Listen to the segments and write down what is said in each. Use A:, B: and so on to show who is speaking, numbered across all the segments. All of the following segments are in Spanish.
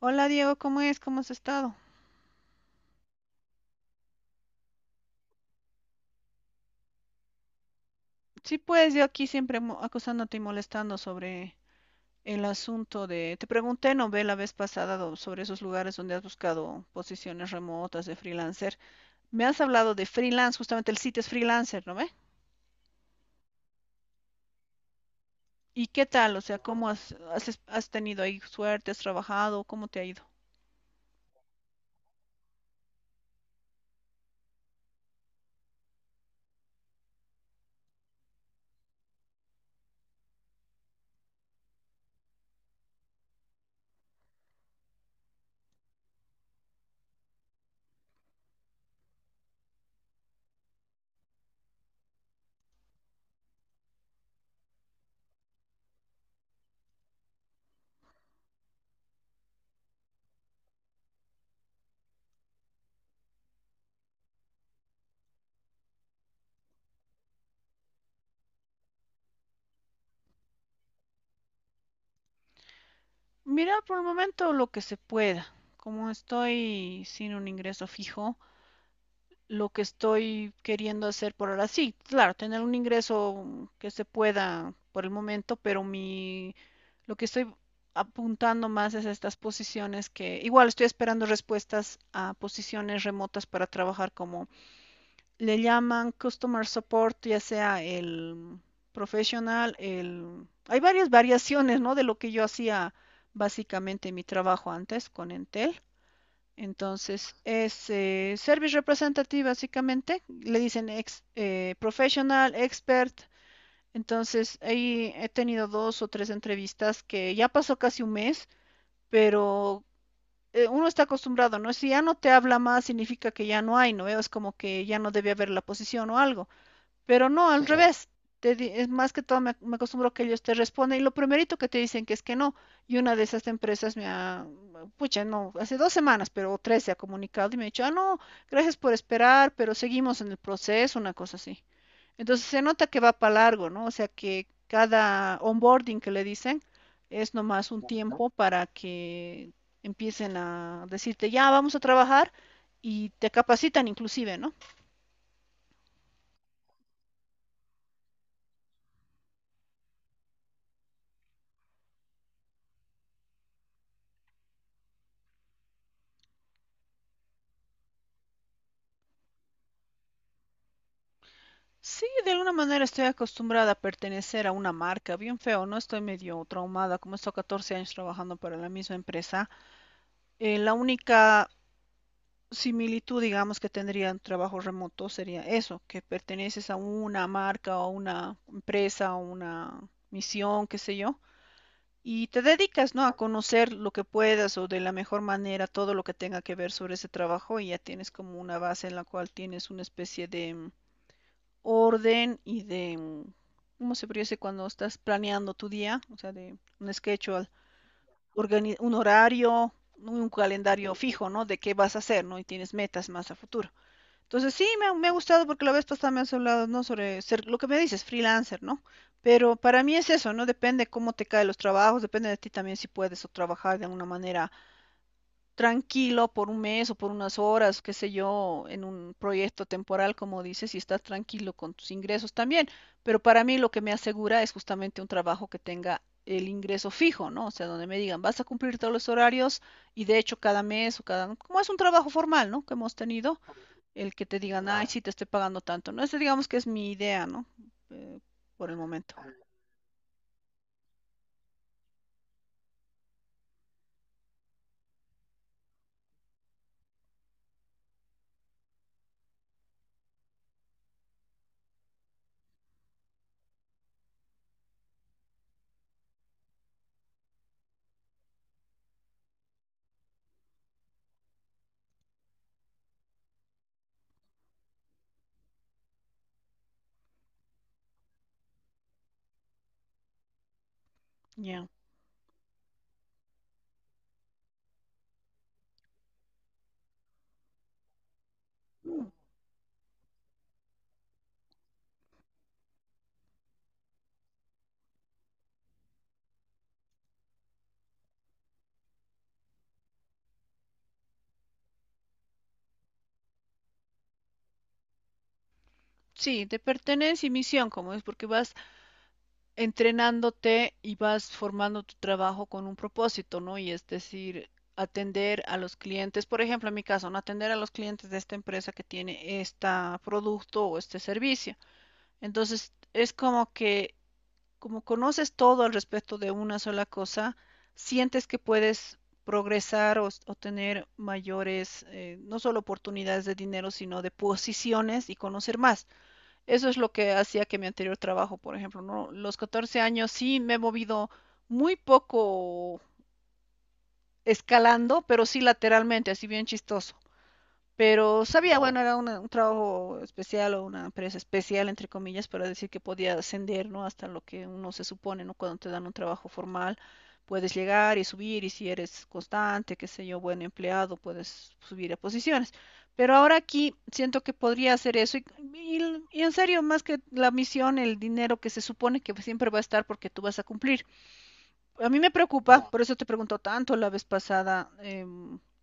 A: Hola Diego, ¿cómo es? ¿Cómo has estado? Sí, pues yo aquí siempre acosándote y molestando sobre el asunto de... Te pregunté, no ve la vez pasada sobre esos lugares donde has buscado posiciones remotas de freelancer. Me has hablado de freelance, justamente el sitio es freelancer, ¿no ve? ¿Y qué tal? O sea, ¿cómo has tenido ahí suerte? ¿Has trabajado? ¿Cómo te ha ido? Mira, por el momento lo que se pueda. Como estoy sin un ingreso fijo, lo que estoy queriendo hacer por ahora. Sí, claro, tener un ingreso que se pueda por el momento, pero lo que estoy apuntando más es a estas posiciones, que igual estoy esperando respuestas a posiciones remotas para trabajar como le llaman customer support, ya sea el profesional, el hay varias variaciones, ¿no?, de lo que yo hacía básicamente en mi trabajo antes con Entel. Entonces, es Service Representative, básicamente. Le dicen ex, Professional, Expert. Entonces, ahí he tenido dos o tres entrevistas que ya pasó casi un mes, pero uno está acostumbrado, ¿no? Si ya no te habla más, significa que ya no hay, ¿no? Es como que ya no debe haber la posición o algo. Pero no, al revés. Es más que todo me acostumbro a que ellos te responden y lo primerito que te dicen que es que no. Y una de esas empresas pucha, no, hace dos semanas, pero o tres, se ha comunicado y me ha dicho, ah, no, gracias por esperar, pero seguimos en el proceso, una cosa así. Entonces se nota que va para largo, ¿no? O sea que cada onboarding que le dicen es nomás un tiempo para que empiecen a decirte, ya, vamos a trabajar, y te capacitan inclusive, ¿no? Sí, de alguna manera estoy acostumbrada a pertenecer a una marca, bien feo, ¿no? Estoy medio traumada, como he estado 14 años trabajando para la misma empresa. La única similitud, digamos, que tendría un trabajo remoto sería eso, que perteneces a una marca o una empresa o una misión, qué sé yo, y te dedicas, ¿no?, a conocer lo que puedas o de la mejor manera todo lo que tenga que ver sobre ese trabajo, y ya tienes como una base en la cual tienes una especie de orden y de, ¿cómo se podría cuando estás planeando tu día? O sea, de un schedule, un horario, un calendario fijo, ¿no? De qué vas a hacer, ¿no? Y tienes metas más a futuro. Entonces, sí, me ha gustado porque la vez pasada me has hablado, ¿no? Sobre ser, lo que me dices, freelancer, ¿no? Pero para mí es eso, ¿no? Depende cómo te caen los trabajos, depende de ti también si puedes o trabajar de una manera tranquilo por un mes o por unas horas, qué sé yo, en un proyecto temporal, como dices, y estás tranquilo con tus ingresos también. Pero para mí lo que me asegura es justamente un trabajo que tenga el ingreso fijo, ¿no? O sea, donde me digan, vas a cumplir todos los horarios y de hecho cada mes o cada, como es un trabajo formal, ¿no?, que hemos tenido, el que te digan, ay, sí, te estoy pagando tanto, ¿no? Esa digamos que es mi idea, ¿no? Eh, por el momento. Ya. Mm. Sí, de pertenencia y misión, como es, porque vas entrenándote y vas formando tu trabajo con un propósito, ¿no? Y es decir, atender a los clientes, por ejemplo, en mi caso, no, atender a los clientes de esta empresa que tiene este producto o este servicio. Entonces, es como que, como conoces todo al respecto de una sola cosa, sientes que puedes progresar o tener mayores, no solo oportunidades de dinero, sino de posiciones, y conocer más. Eso es lo que hacía que mi anterior trabajo, por ejemplo, ¿no? Los 14 años sí me he movido muy poco escalando, pero sí lateralmente, así bien chistoso. Pero sabía, bueno, era un trabajo especial o una empresa especial, entre comillas, para decir que podía ascender, ¿no? Hasta lo que uno se supone, ¿no? Cuando te dan un trabajo formal, puedes llegar y subir, y si eres constante, qué sé yo, buen empleado, puedes subir a posiciones. Pero ahora aquí siento que podría hacer eso, y en serio, más que la misión, el dinero que se supone que siempre va a estar porque tú vas a cumplir, a mí me preocupa, por eso te preguntó tanto la vez pasada,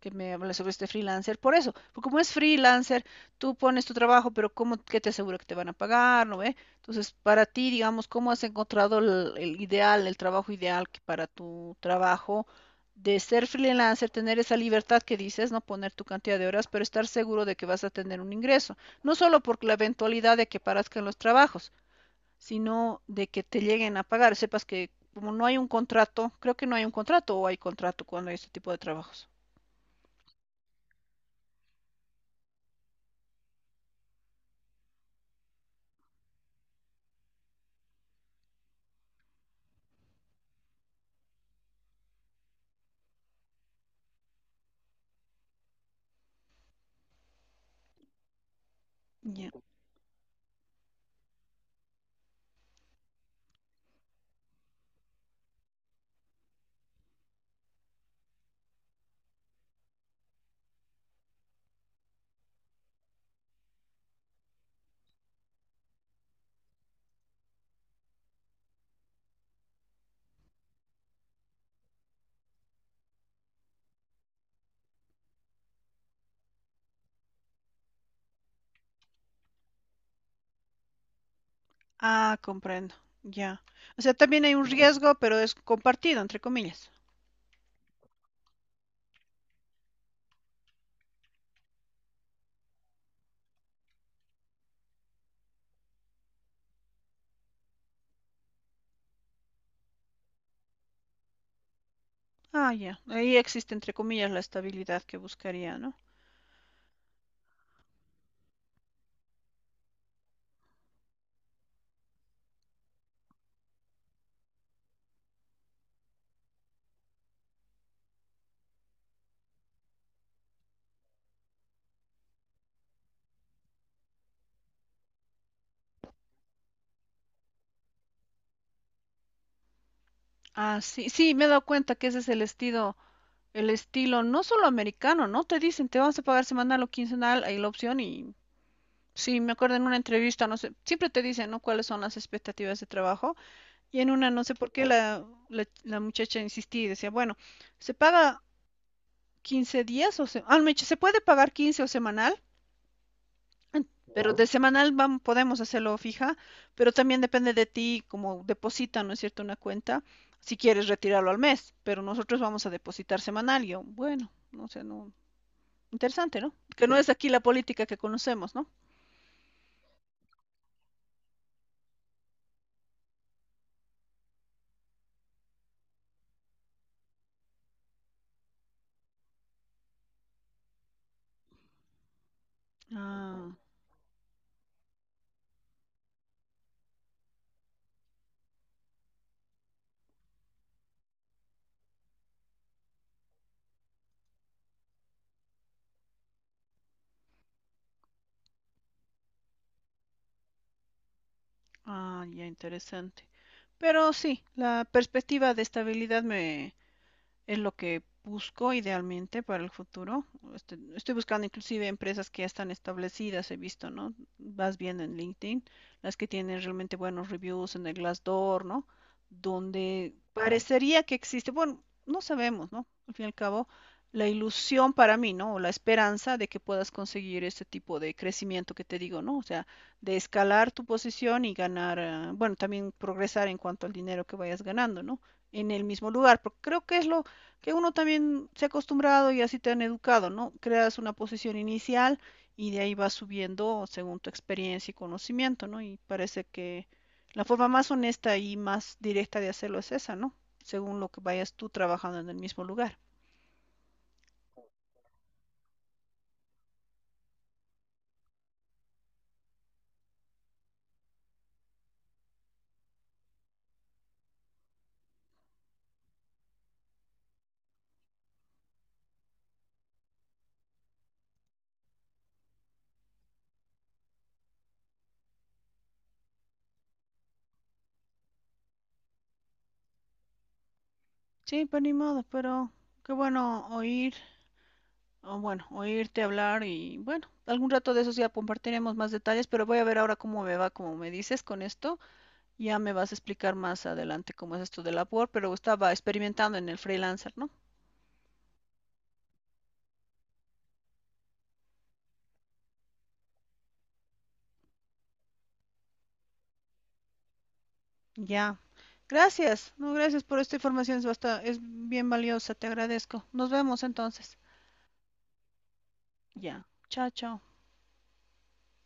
A: que me hablas sobre este freelancer, por eso, porque como es freelancer, tú pones tu trabajo, pero ¿cómo, qué te asegura que te van a pagar, no ve? Entonces, para ti, digamos, ¿cómo has encontrado el ideal, el trabajo ideal que para tu trabajo de ser freelancer, tener esa libertad que dices, no poner tu cantidad de horas, pero estar seguro de que vas a tener un ingreso, no solo por la eventualidad de que parezcan los trabajos, sino de que te lleguen a pagar? Sepas que como no hay un contrato, creo que no hay un contrato o hay contrato cuando hay este tipo de trabajos. Ya. Ah, comprendo. Ya. O sea, también hay un riesgo, pero es compartido, entre comillas. Ah, ya. Ahí existe, entre comillas, la estabilidad que buscaría, ¿no? Ah, sí, sí, me he dado cuenta que ese es el estilo no solo americano, ¿no? Te dicen, te vamos a pagar semanal o quincenal, hay la opción, y sí, me acuerdo en una entrevista, no sé, siempre te dicen, ¿no?, ¿cuáles son las expectativas de trabajo? Y en una, no sé por qué, la muchacha insistía y decía, bueno, ¿se paga 15 días o se, ah, me dice, se puede pagar 15 o semanal? Pero de semanal vamos podemos hacerlo fija, pero también depende de ti, como deposita, ¿no es cierto?, una cuenta, si quieres retirarlo al mes, pero nosotros vamos a depositar semanal. Y yo, bueno, no sé, no, interesante, ¿no? Que no es aquí la política que conocemos, ¿no? Ah, ah, ya, interesante. Pero sí, la perspectiva de estabilidad me es lo que busco idealmente para el futuro. Este, estoy buscando inclusive empresas que ya están establecidas, he visto, ¿no? Vas viendo en LinkedIn, las que tienen realmente buenos reviews en el Glassdoor, ¿no? Donde parecería que existe, bueno, no sabemos, ¿no? Al fin y al cabo, la ilusión para mí, ¿no?, o la esperanza de que puedas conseguir este tipo de crecimiento que te digo, ¿no? O sea, de escalar tu posición y ganar, bueno, también progresar en cuanto al dinero que vayas ganando, ¿no? En el mismo lugar, porque creo que es lo, que uno también se ha acostumbrado, y así te han educado, ¿no? Creas una posición inicial y de ahí vas subiendo según tu experiencia y conocimiento, ¿no? Y parece que la forma más honesta y más directa de hacerlo es esa, ¿no? Según lo que vayas tú trabajando en el mismo lugar. Sí, pero ni modo, pero qué bueno oír, o bueno, oírte hablar, y bueno, algún rato de esos ya compartiremos más detalles, pero voy a ver ahora cómo me va, como me dices, con esto. Ya me vas a explicar más adelante cómo es esto del la Upwork, pero estaba experimentando en el freelancer, ¿no? Ya. Gracias. No, gracias por esta información. Es, bastante, es bien valiosa. Te agradezco. Nos vemos entonces. Ya. Chao, chao.